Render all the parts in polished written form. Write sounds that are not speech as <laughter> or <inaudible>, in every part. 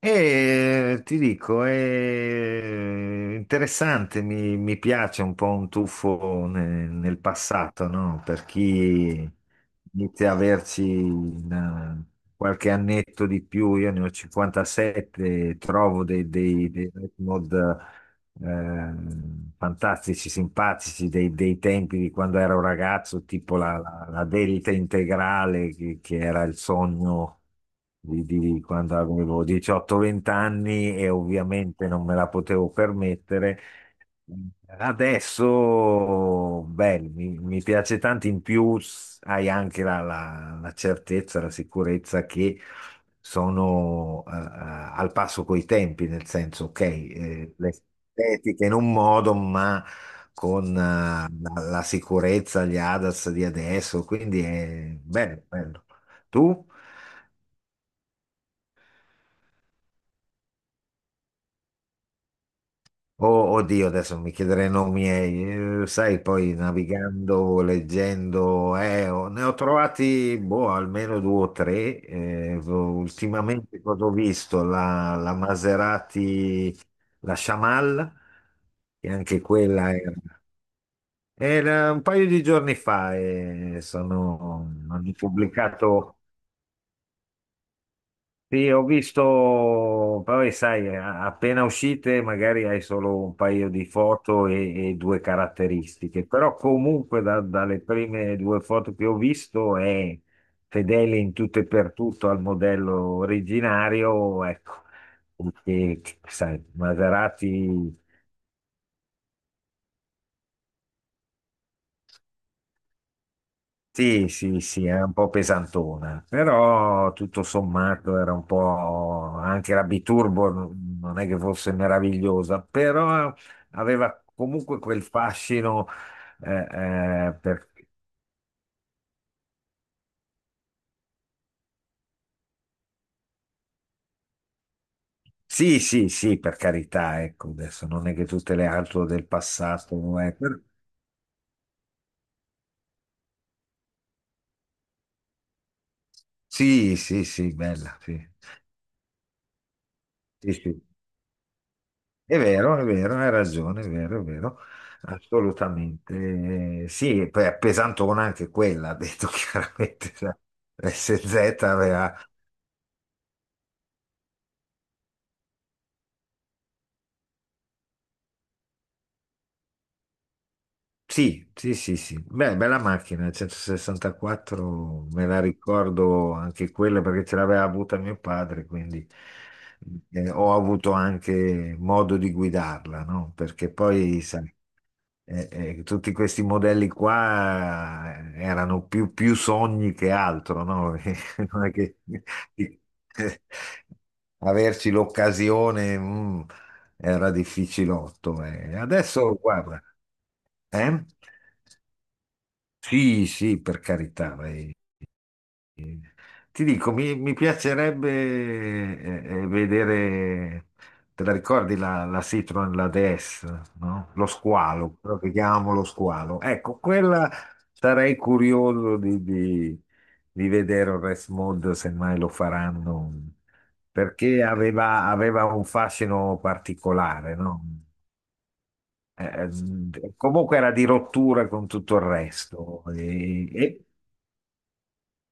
E ti dico, è interessante, mi piace un po' un tuffo nel passato, no? Per chi inizia a averci qualche annetto di più, io ne ho 57, trovo dei retmod fantastici, simpatici dei tempi di quando ero ragazzo, tipo la delta integrale, che era il sogno di quando avevo 18-20 anni e ovviamente non me la potevo permettere. Adesso, beh, mi piace tanto, in più hai anche la certezza, la sicurezza che sono al passo coi tempi, nel senso, ok, estetiche in un modo, ma con la sicurezza, gli ADAS di adesso, quindi è bello, bello. Tu? Oh, oddio, adesso mi chiederei nomi, miei, sai, poi navigando, leggendo, ne ho trovati boh, almeno due o tre. Ultimamente cosa ho visto? La Maserati, la Shamal, che anche quella è. Era un paio di giorni fa e sono, hanno pubblicato, sì, ho visto, poi sai, appena uscite magari hai solo un paio di foto e due caratteristiche, però comunque dalle prime due foto che ho visto è fedele in tutto e per tutto al modello originario, ecco, perché sai, Maserati. Sì, sì, sì, è un po' pesantona, però tutto sommato era un po' anche la Biturbo non è che fosse meravigliosa, però aveva comunque quel fascino eh, eh, per- Sì, sì, sì, per carità, ecco, adesso non è che tutte le auto del passato. Sì, sì, sì, bella, sì. Sì, sì. È vero, hai ragione, è vero, assolutamente. Sì, e poi è pesantona anche quella, ha detto <laughs> chiaramente, la SZ aveva. Sì, sì, sì, sì. Beh, bella macchina, 164 me la ricordo anche quella perché ce l'aveva avuta mio padre, quindi mhmm, ho avuto anche modo di guidarla, no? Perché poi, sai, eh, tutti questi modelli qua, erano più sogni che altro, no? <laughs> Non è che <laughs> averci l'occasione. Era difficilotto. Adesso, guarda, eh? Sì, sì, per carità. Ti dico, mi piacerebbe vedere, te la ricordi la Citroen, la DS, no? Lo squalo, quello che chiamavamo lo squalo. Ecco, quella sarei curioso di vedere il race mod, se mai lo faranno, perché aveva un fascino particolare, no? Eh, comunque era di rottura con tutto il resto. E- e-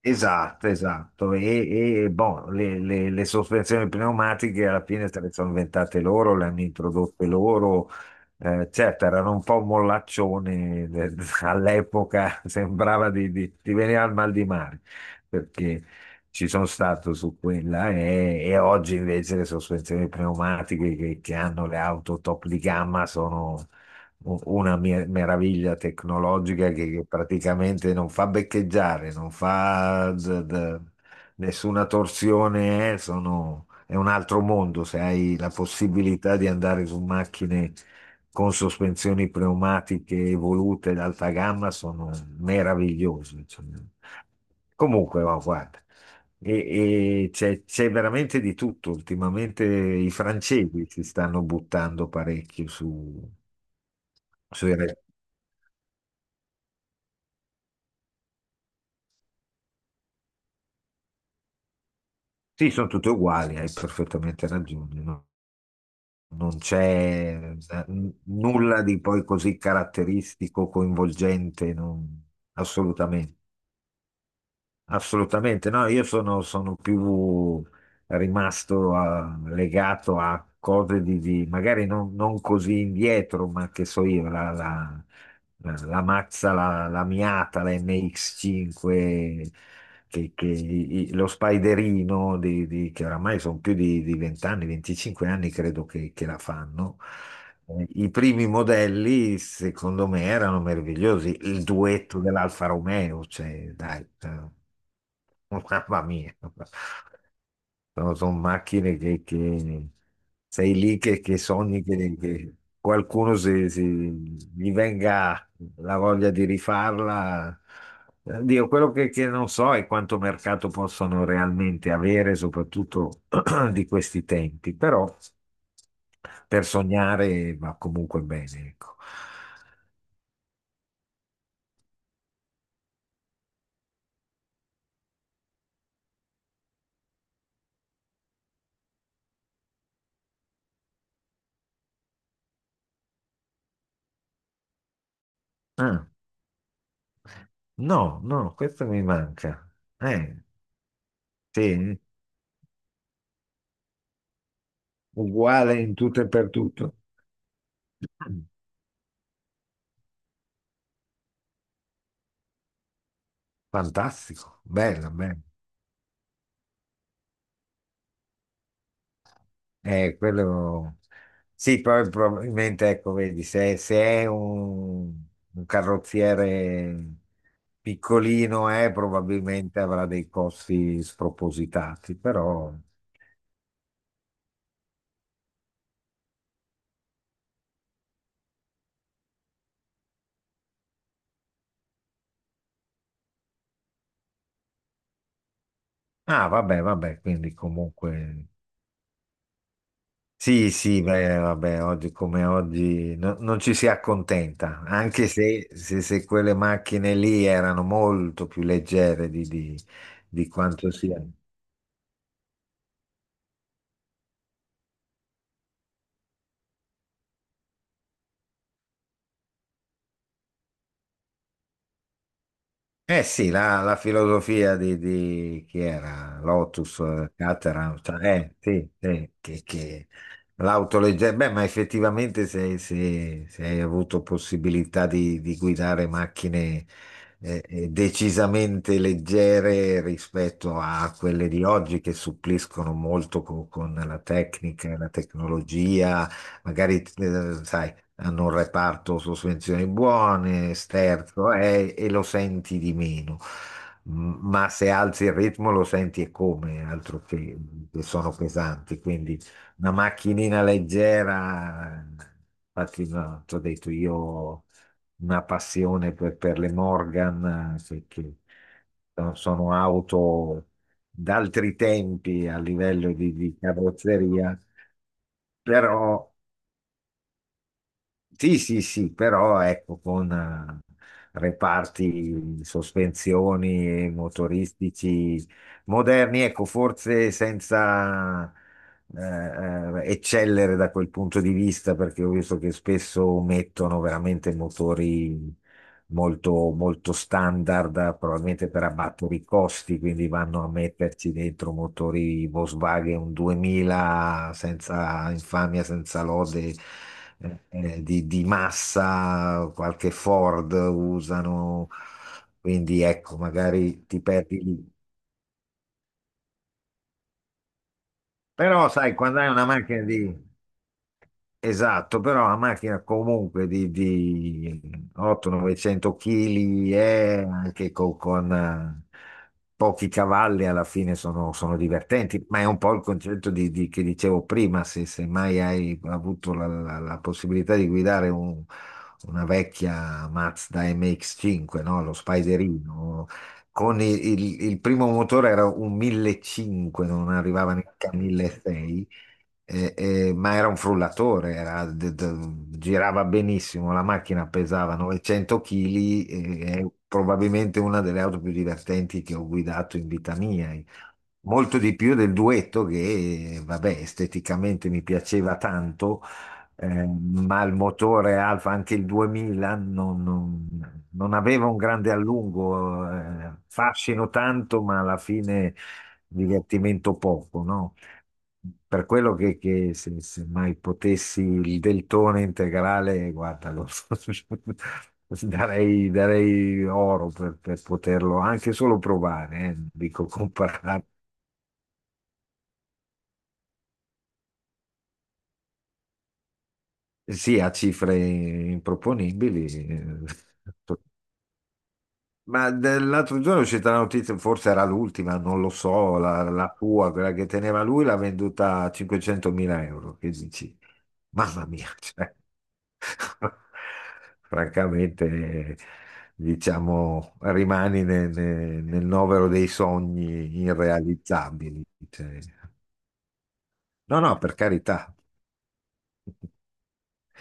esatto, esatto. E, boh, le sospensioni pneumatiche alla fine se le sono inventate loro, le hanno introdotte loro. Certo, erano un po' mollaccioni, all'epoca, <laughs> sembrava di venire al mal di mare, perché ci sono stato su quella e oggi invece le sospensioni pneumatiche che hanno le auto top di gamma sono una meraviglia tecnologica che praticamente non fa beccheggiare, non fa nessuna torsione, è un altro mondo se hai la possibilità di andare su macchine con sospensioni pneumatiche evolute d'alta gamma sono meravigliose. Cioè. Comunque, ma guarda, e c'è veramente di tutto. Ultimamente i francesi si stanno buttando parecchio su. Posso dire, sì, sono tutte uguali, hai perfettamente ragione, no? Non c'è nulla di poi così caratteristico, coinvolgente, assolutamente. Assolutamente, no, io sono più rimasto legato a cose magari non così indietro, ma che so io, la Mazza, la Miata, la MX5, che lo Spiderino, che oramai sono più di 20 anni, 25 anni credo che la fanno. I primi modelli, secondo me, erano meravigliosi. Il duetto dell'Alfa Romeo, cioè, dai, <laughs> mamma mia. Sono macchine che sei lì che sogni che qualcuno gli venga la voglia di rifarla. Dio, quello che non so è quanto mercato possono realmente avere, soprattutto <clears throat> di questi tempi, però per sognare va comunque bene, ecco. Ah, no, no, questo mi manca. Eh, sì, uguale in tutto e per tutto. Fantastico, bello, bello. Quello... Sì, poi probabilmente, ecco, vedi, se è un carrozziere piccolino, probabilmente avrà dei costi spropositati, però. Ah, vabbè, vabbè, quindi comunque. Sì, sì, beh, vabbè, oggi come oggi non ci si accontenta, anche se quelle macchine lì erano molto più leggere di quanto sia. Eh sì, la filosofia chi era? Lotus, Caterham, cioè, sì, sì, che l'autoleggera, beh, ma effettivamente se hai avuto possibilità di guidare macchine decisamente leggere rispetto a quelle di oggi che suppliscono molto con, la tecnica e la tecnologia, magari, sai hanno un reparto sospensioni buone, sterzo, e lo senti di meno. Ma se alzi il ritmo lo senti e come, altro che sono pesanti. Quindi una macchinina leggera, infatti, no, ti ho detto io ho una passione per le Morgan, che sono auto d'altri tempi a livello di carrozzeria, però sì, sì, sì, però ecco, con reparti, sospensioni e motoristici moderni, ecco, forse senza eccellere da quel punto di vista, perché ho visto che spesso mettono veramente motori molto, molto standard, probabilmente per abbattere i costi, quindi vanno a metterci dentro motori Volkswagen 2000 senza infamia, senza lode. Di massa, qualche Ford usano, quindi ecco, magari ti perdi lì. Però sai, quando hai una macchina di. Esatto, però la macchina comunque di 800-900 kg è anche con, pochi cavalli alla fine sono divertenti, ma è un po' il concetto che dicevo prima, se mai hai avuto la possibilità di guidare una vecchia Mazda MX-5, no? Lo Spiderino, con il primo motore era un 1500, non arrivava neanche a 1600. Ma era un frullatore, girava benissimo, la macchina pesava 900 kg e è probabilmente una delle auto più divertenti che ho guidato in vita mia. Molto di più del duetto che, vabbè, esteticamente mi piaceva tanto, ma il motore Alfa, anche il 2000, non aveva un grande allungo, fascino tanto, ma alla fine divertimento poco, no? Per quello che se mai potessi il deltone integrale, guarda, <laughs> darei oro per poterlo anche solo provare, non dico <laughs> comparare, sì, a cifre improponibili, <laughs> Ma dell'altro giorno è uscita la notizia, forse era l'ultima, non lo so, la tua, quella che teneva lui, l'ha venduta a 500.000 euro. Che dici? Mamma mia, cioè, <laughs> francamente, diciamo, rimani nel, novero dei sogni irrealizzabili. Cioè. No, no, per carità,